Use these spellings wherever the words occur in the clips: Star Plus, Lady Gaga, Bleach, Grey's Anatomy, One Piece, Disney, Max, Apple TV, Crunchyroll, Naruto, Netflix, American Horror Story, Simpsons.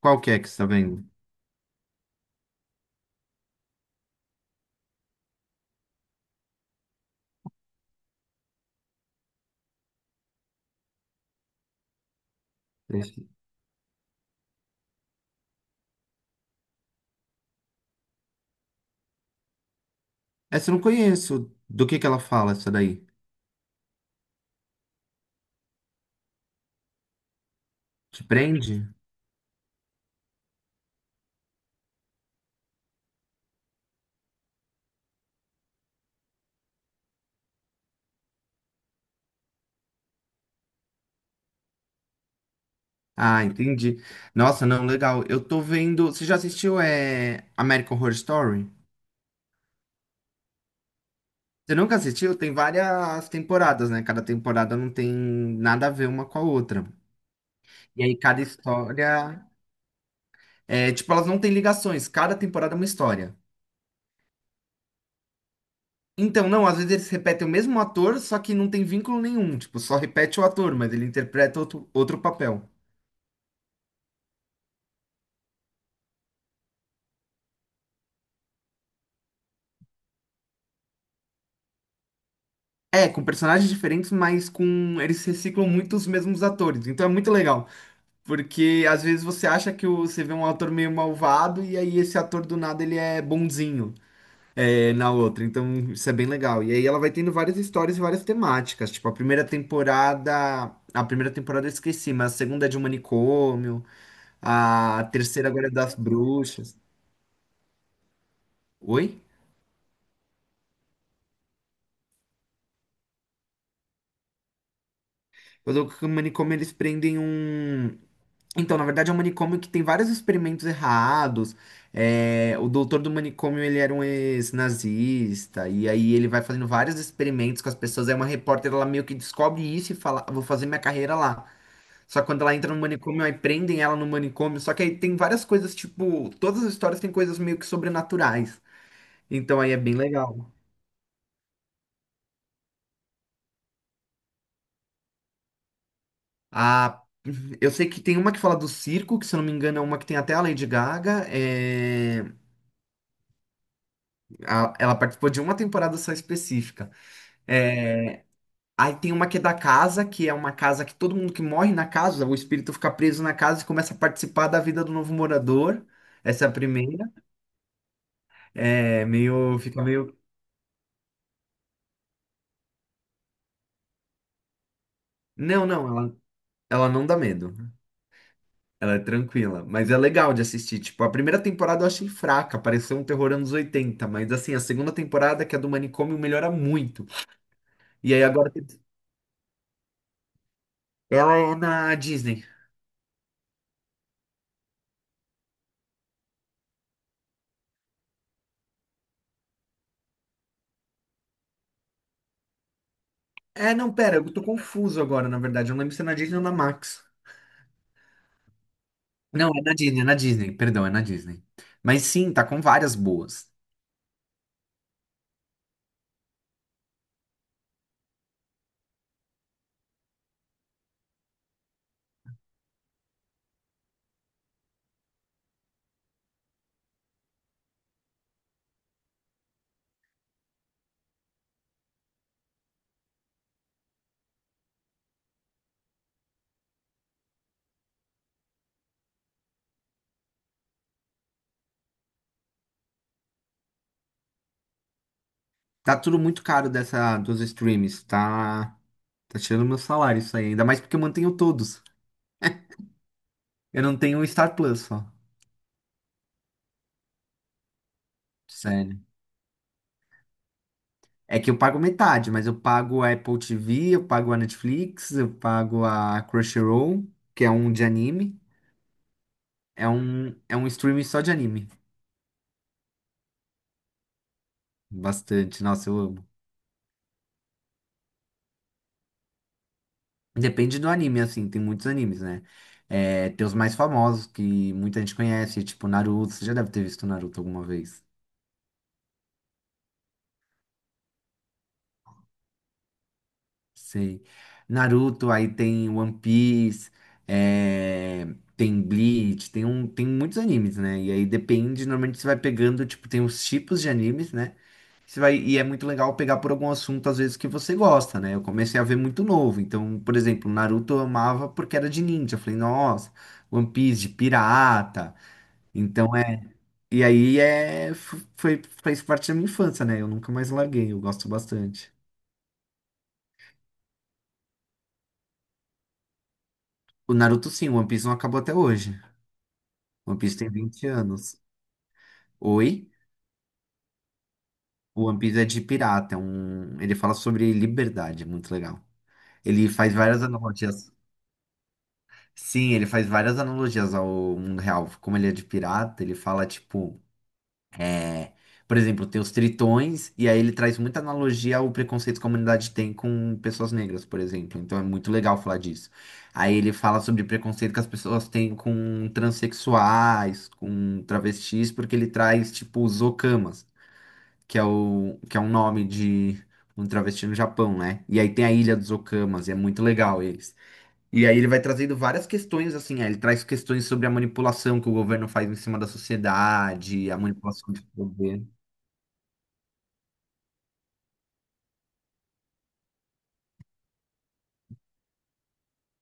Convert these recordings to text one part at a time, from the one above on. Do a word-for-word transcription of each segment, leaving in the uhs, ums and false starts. Qual que é que você tá vendo? Esse- Essa eu não conheço. Do que que ela fala, essa daí? Te prende? Ah, entendi. Nossa, não, legal. Eu tô vendo. Você já assistiu é... American Horror Story? Você nunca assistiu? Tem várias temporadas, né? Cada temporada não tem nada a ver uma com a outra. E aí cada história. É, tipo, elas não têm ligações. Cada temporada é uma história. Então, não, às vezes eles repetem o mesmo ator, só que não tem vínculo nenhum. Tipo, só repete o ator, mas ele interpreta outro, outro papel. É, com personagens diferentes, mas com eles reciclam muito os mesmos atores. Então é muito legal, porque às vezes você acha que o- você vê um ator meio malvado e aí esse ator do nada ele é bonzinho é, na outra. Então isso é bem legal. E aí ela vai tendo várias histórias e várias temáticas. Tipo a primeira temporada, a primeira temporada eu esqueci, mas a segunda é de um manicômio, a terceira agora é das bruxas. Oi? Eu tô com o manicômio eles prendem um. Então, na verdade, é um manicômio que tem vários experimentos errados. É, o doutor do manicômio, ele era um ex-nazista, e aí ele vai fazendo vários experimentos com as pessoas. É uma repórter, ela meio que descobre isso e fala, "Ah, vou fazer minha carreira lá." Só que quando ela entra no manicômio, aí prendem ela no manicômio. Só que aí tem várias coisas, tipo, todas as histórias têm coisas meio que sobrenaturais. Então aí é bem legal. A eu sei que tem uma que fala do circo, que se eu não me engano é uma que tem até a Lady Gaga. é, a- Ela participou de uma temporada só específica. É, aí tem uma que é da casa, que é uma casa que todo mundo que morre na casa, o espírito fica preso na casa e começa a participar da vida do novo morador. Essa é a primeira. É meio, fica meio. Não, não, ela, ela não dá medo. Ela é tranquila, mas é legal de assistir. Tipo, a primeira temporada eu achei fraca, pareceu um terror anos oitenta. Mas assim, a segunda temporada, que é do manicômio, melhora muito. E aí agora tem- ela é na Disney. É, não, pera, eu tô confuso agora, na verdade. Eu não lembro se é na Disney ou na Max. Não, é na Disney, é na Disney, perdão, é na Disney. Mas sim, tá com várias boas. Tá tudo muito caro dessa dos streams, tá tá tirando meu salário isso aí, ainda mais porque eu mantenho todos. Eu não tenho o Star Plus só. Sério. É que eu pago metade, mas eu pago a Apple T V, eu pago a Netflix, eu pago a Crunchyroll, que é um de anime, é um é um streaming só de anime. Bastante, nossa, eu amo. Depende do anime, assim, tem muitos animes, né? É, tem os mais famosos que muita gente conhece, tipo Naruto. Você já deve ter visto Naruto alguma vez. Sei. Naruto, aí tem One Piece, é, tem Bleach, tem, um, tem muitos animes, né? E aí depende, normalmente você vai pegando, tipo, tem os tipos de animes, né? Você vai, e é muito legal pegar por algum assunto, às vezes, que você gosta, né? Eu comecei a ver muito novo. Então, por exemplo, Naruto eu amava porque era de ninja. Eu falei, nossa, One Piece de pirata. Então é. E aí é. f- Foi, fez parte da minha infância, né? Eu nunca mais larguei, eu gosto bastante. O Naruto sim, o One Piece não acabou até hoje. O One Piece tem vinte anos. Oi? O One Piece é de pirata, é um. Ele fala sobre liberdade, é muito legal. Ele faz várias analogias. Sim, ele faz várias analogias ao mundo real. Como ele é de pirata, ele fala, tipo. É. Por exemplo, tem os tritões, e aí ele traz muita analogia ao preconceito que a comunidade tem com pessoas negras, por exemplo. Então é muito legal falar disso. Aí ele fala sobre preconceito que as pessoas têm com transexuais, com travestis, porque ele traz, tipo, os okamas, que é o, que é um nome de um travesti no Japão, né? E aí tem a Ilha dos Okamas, e é muito legal eles. E aí ele vai trazendo várias questões, assim, aí ele traz questões sobre a manipulação que o governo faz em cima da sociedade, a manipulação de poder.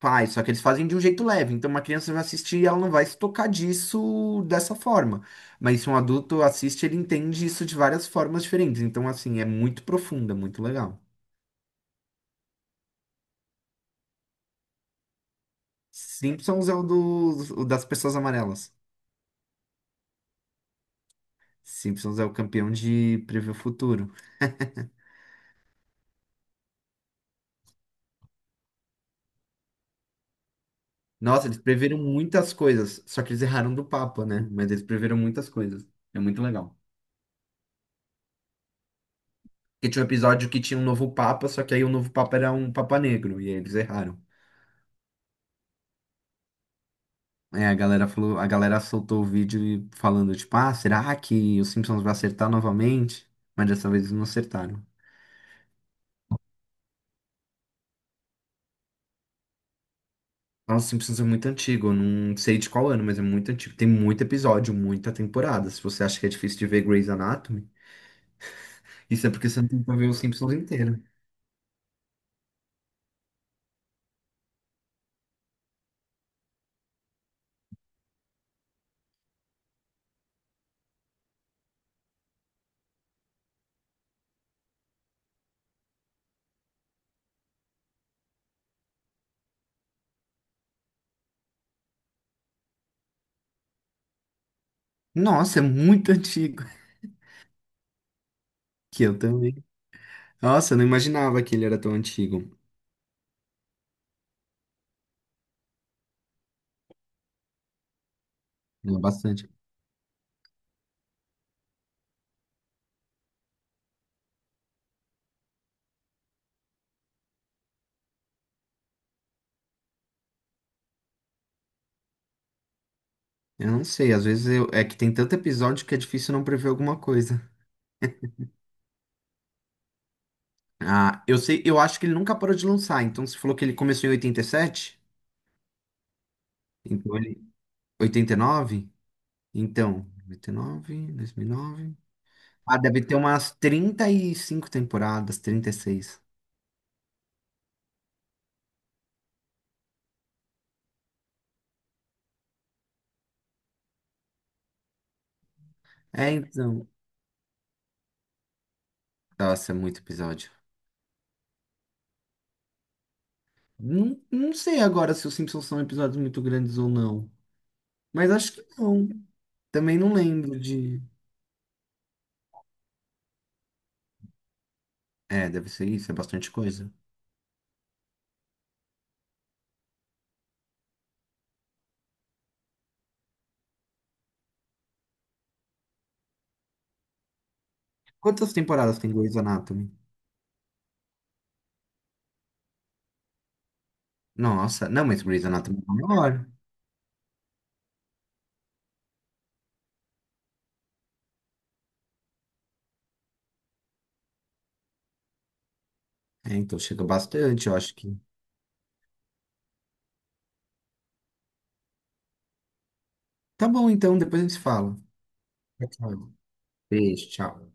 Faz, só que eles fazem de um jeito leve. Então, uma criança vai assistir e ela não vai se tocar disso dessa forma. Mas se um adulto assiste, ele entende isso de várias formas diferentes. Então, assim, é muito profunda, muito legal. Simpsons é o, dos o das pessoas amarelas. Simpsons é o campeão de prever o futuro. Nossa, eles preveram muitas coisas, só que eles erraram do Papa, né? Mas eles preveram muitas coisas. É muito legal. Porque tinha um episódio que tinha um novo Papa, só que aí o novo Papa era um Papa negro, e aí eles erraram. É, a galera falou, a galera soltou o vídeo e- falando, tipo, ah, será que os Simpsons vai acertar novamente? Mas dessa vez eles não acertaram. Nossa, os Simpsons é muito antigo, eu não sei de qual ano, mas é muito antigo. Tem muito episódio, muita temporada. Se você acha que é difícil de ver Grey's Anatomy, isso é porque você não tem tentou ver os Simpsons inteiro. Nossa, é muito antigo. Que eu também. Nossa, eu não imaginava que ele era tão antigo. É bastante. Eu não sei, às vezes eu- é que tem tanto episódio que é difícil não prever alguma coisa. Ah, eu sei, eu acho que ele nunca parou de lançar. Então você falou que ele começou em oitenta e sete, então ele oitenta e nove. Então, oitenta e nove, dois mil e nove. Ah, deve ter umas trinta e cinco temporadas, trinta e seis. É, então. Nossa, é muito episódio. Não, não sei agora se os Simpsons são episódios muito grandes ou não. Mas acho que não. Também não lembro de. É, deve ser isso, é bastante coisa. Quantas temporadas tem Grey's Anatomy? Nossa, não, mas Grey's Anatomy é maior. É, então chega bastante, eu acho que. Tá bom, então, depois a gente se fala. Tchau, tchau. Beijo, tchau.